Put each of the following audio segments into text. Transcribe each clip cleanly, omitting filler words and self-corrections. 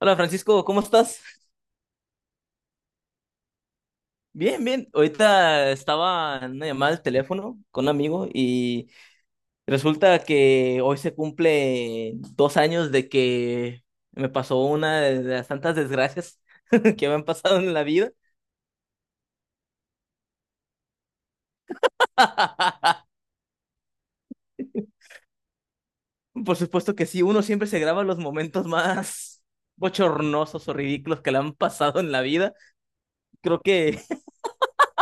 Hola Francisco, ¿cómo estás? Bien, bien. Ahorita estaba en una llamada al teléfono con un amigo y resulta que hoy se cumple 2 años de que me pasó una de las tantas desgracias que me han pasado en la vida. Por supuesto que sí, uno siempre se graba los momentos más bochornosos o ridículos que le han pasado en la vida. Creo que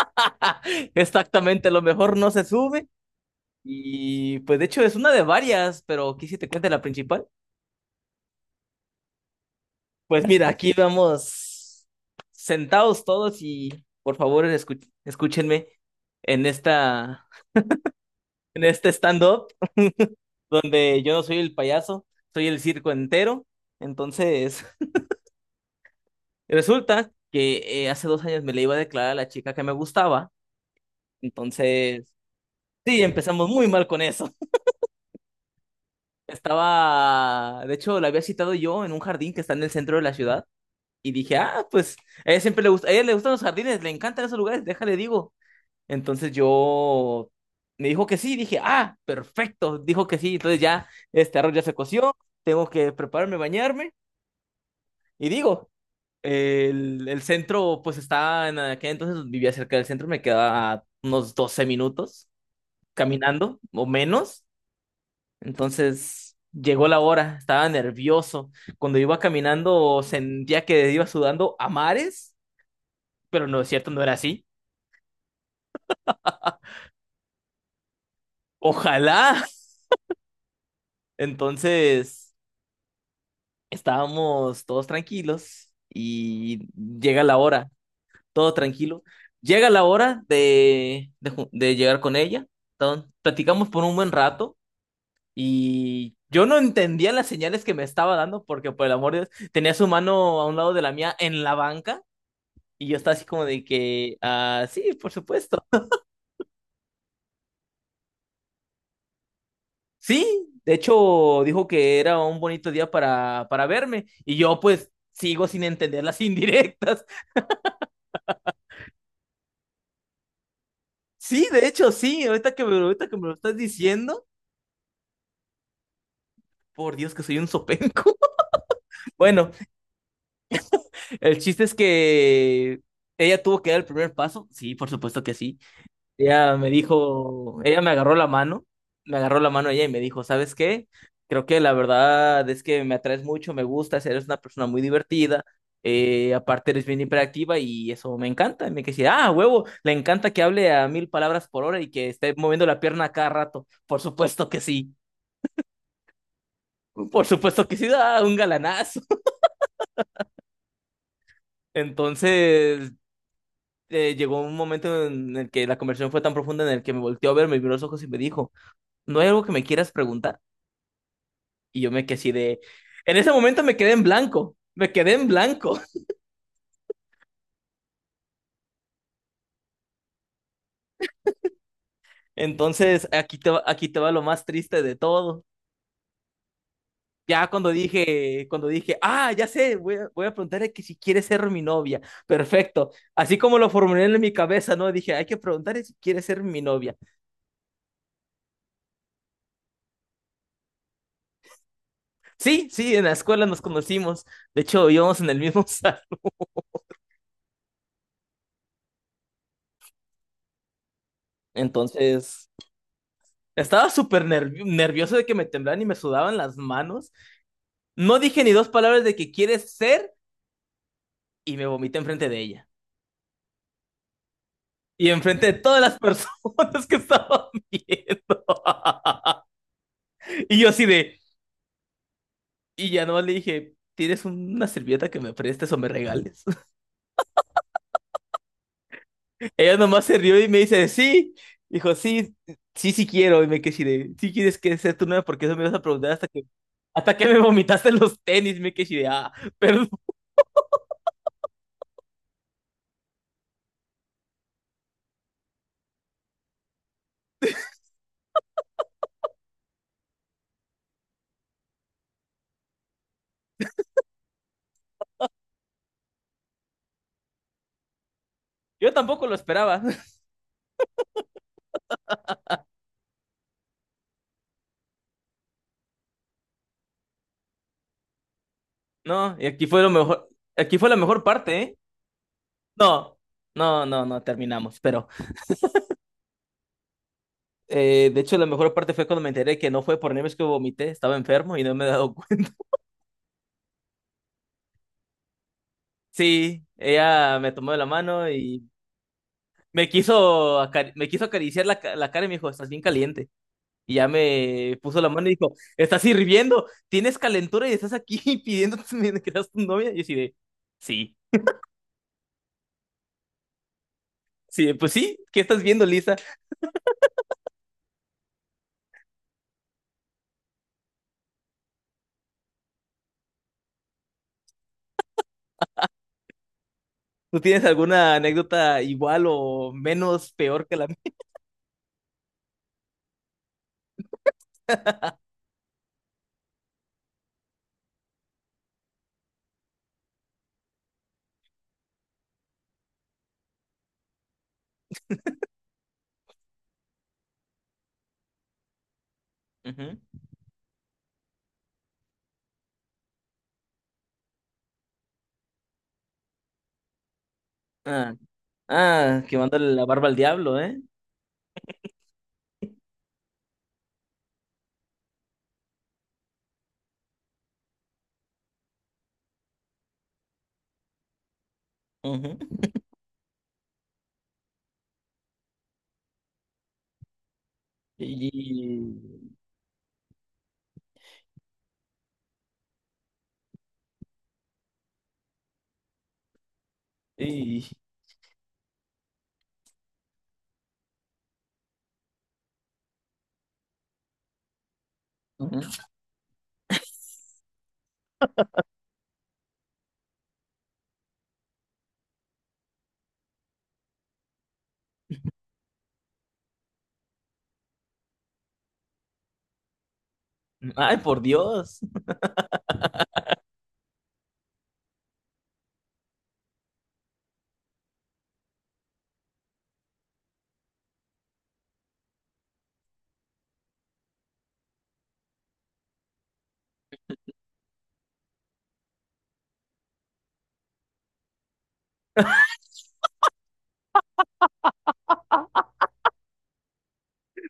exactamente lo mejor no se sube. Y pues de hecho es una de varias, pero quise te cuente la principal. Pues mira, aquí vamos sentados todos y por favor escúchenme en esta en este stand-up donde yo no soy el payaso, soy el circo entero. Entonces, resulta que hace 2 años me le iba a declarar a la chica que me gustaba. Entonces, sí, empezamos muy mal con eso. Estaba, de hecho, la había citado yo en un jardín que está en el centro de la ciudad y dije, ah, pues a ella siempre le gusta, a ella le gustan los jardines, le encantan esos lugares, déjale digo. Entonces yo me dijo que sí, dije, ah, perfecto, dijo que sí, entonces ya este arroz ya se coció, tengo que prepararme, bañarme y digo, el centro pues estaba en aquel entonces vivía cerca del centro, me quedaba a unos 12 minutos caminando o menos, entonces llegó la hora, estaba nervioso, cuando iba caminando sentía que iba sudando a mares, pero no es cierto, no era así, ojalá, entonces... Estábamos todos tranquilos y llega la hora, todo tranquilo. Llega la hora de llegar con ella. Entonces, platicamos por un buen rato y yo no entendía las señales que me estaba dando porque, por el amor de Dios, tenía su mano a un lado de la mía en la banca y yo estaba así como de que, ah, sí, por supuesto. Sí, de hecho dijo que era un bonito día para verme y yo pues sigo sin entender las indirectas. Sí, de hecho, sí, ahorita que me lo estás diciendo, por Dios que soy un sopenco. Bueno, el chiste es que ella tuvo que dar el primer paso, sí, por supuesto que sí. Ella me dijo, ella me agarró la mano, me agarró la mano ella y me dijo, ¿sabes qué? Creo que la verdad es que me atraes mucho, me gustas, eres una persona muy divertida, aparte eres bien hiperactiva y eso me encanta. Y me quedé, así, ah, huevo, le encanta que hable a mil palabras por hora y que esté moviendo la pierna a cada rato, por supuesto que sí. Por supuesto que sí, da un galanazo. Entonces, llegó un momento en el que la conversación fue tan profunda en el que me volteó a ver, me vio los ojos y me dijo, ¿no hay algo que me quieras preguntar? Y yo me quedé así de... En ese momento me quedé en blanco, me quedé en blanco. Entonces, aquí te va lo más triste de todo. Ya cuando dije, ah, ya sé, voy a preguntarle que si quiere ser mi novia. Perfecto. Así como lo formulé en mi cabeza, ¿no? Dije, hay que preguntarle si quiere ser mi novia. Sí, sí, en la escuela nos conocimos. De hecho, íbamos en el mismo salón. Entonces, estaba súper nervioso de que me temblaran y me sudaban las manos. No dije ni dos palabras de que quieres ser y me vomité enfrente de ella. Y enfrente de todas las personas que estaban viendo. Y yo así de, y ya no le dije, ¿tienes una servilleta que me prestes o me regales? Ella nomás se rió y me dice, sí. Dijo, sí, sí, sí quiero. Y me quedé así de, sí quieres que sea tu novia, porque eso me vas a preguntar hasta que me vomitaste los tenis. Me quedé así de, ah, perdón. Yo tampoco lo esperaba. No, y aquí fue lo mejor, aquí fue la mejor parte, ¿eh? No, no, no, no, terminamos. Pero, de hecho, la mejor parte fue cuando me enteré que no fue por nervios que vomité, estaba enfermo y no me he dado cuenta. Sí, ella me tomó de la mano y me quiso acariciar la cara y me dijo, estás bien caliente. Y ya me puso la mano y dijo, estás hirviendo, tienes calentura y estás aquí pidiendo que seas tu novia. Y yo así de, sí, sí, pues sí, ¿qué estás viendo, Lisa? ¿Tú tienes alguna anécdota igual o menos peor que la mía? Ujú. Ah, ah, que mandarle la barba al diablo, ¿eh? Ujú. Y, y- ujú. Ay, por Dios.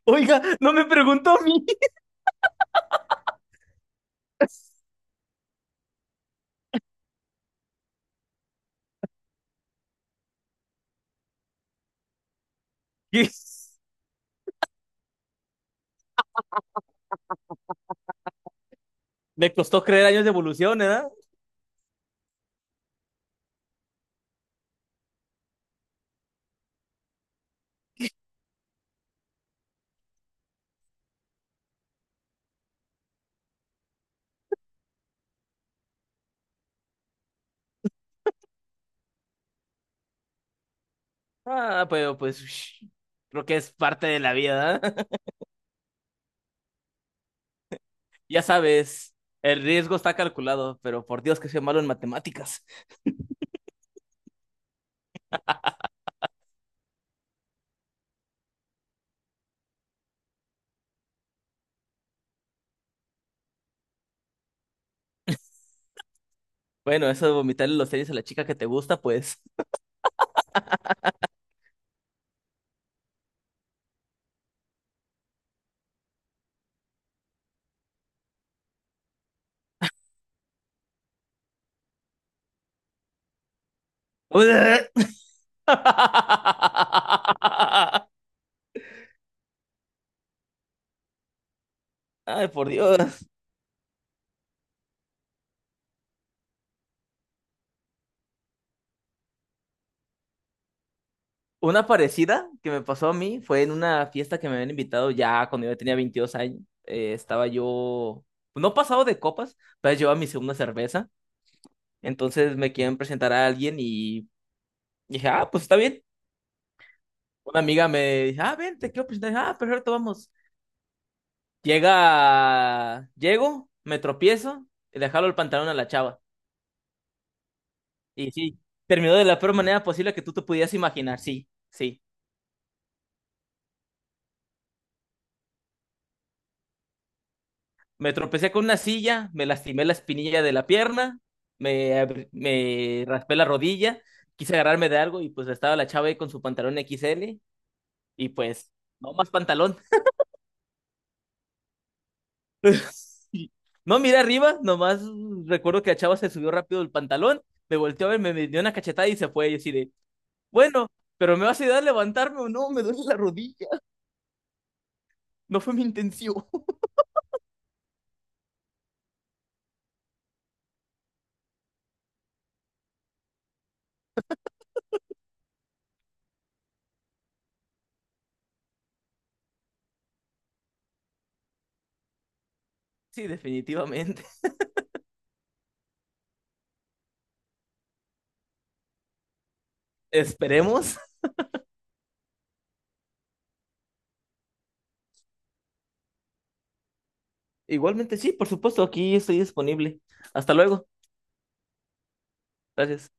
Oiga, no me preguntó a mí. Me costó creer años de evolución, ¿eh? Ah, pero pues ush, creo que es parte de la vida, ¿eh? Ya sabes, el riesgo está calculado, pero por Dios que soy malo en matemáticas. Bueno, eso de vomitarle los tenis a la chica que te gusta, pues. Ay, por Dios. Una parecida que me pasó a mí fue en una fiesta que me habían invitado ya cuando yo tenía 22 años. Estaba yo, pues, no pasado de copas, pero llevaba mi segunda cerveza. Entonces me quieren presentar a alguien y dije, ah, pues está bien. Una amiga me dice, ah, ven, te quiero presentar. Ah, perfecto, vamos. Llega, llego, me tropiezo y le jalo el pantalón a la chava. Y sí, terminó de la peor manera posible que tú te pudieras imaginar. Sí, sí. Me tropecé con una silla, me lastimé la espinilla de la pierna, me raspé la rodilla, quise agarrarme de algo y pues estaba la chava ahí con su pantalón XL y pues, no más pantalón. No, mira arriba, nomás recuerdo que la chava se subió rápido el pantalón, me volteó a ver, me dio una cachetada y se fue. Y así de, bueno, pero ¿me vas a ayudar a levantarme o no? Me duele la rodilla. No fue mi intención. Sí, definitivamente. Esperemos. Igualmente, sí, por supuesto, aquí estoy disponible. Hasta luego. Gracias.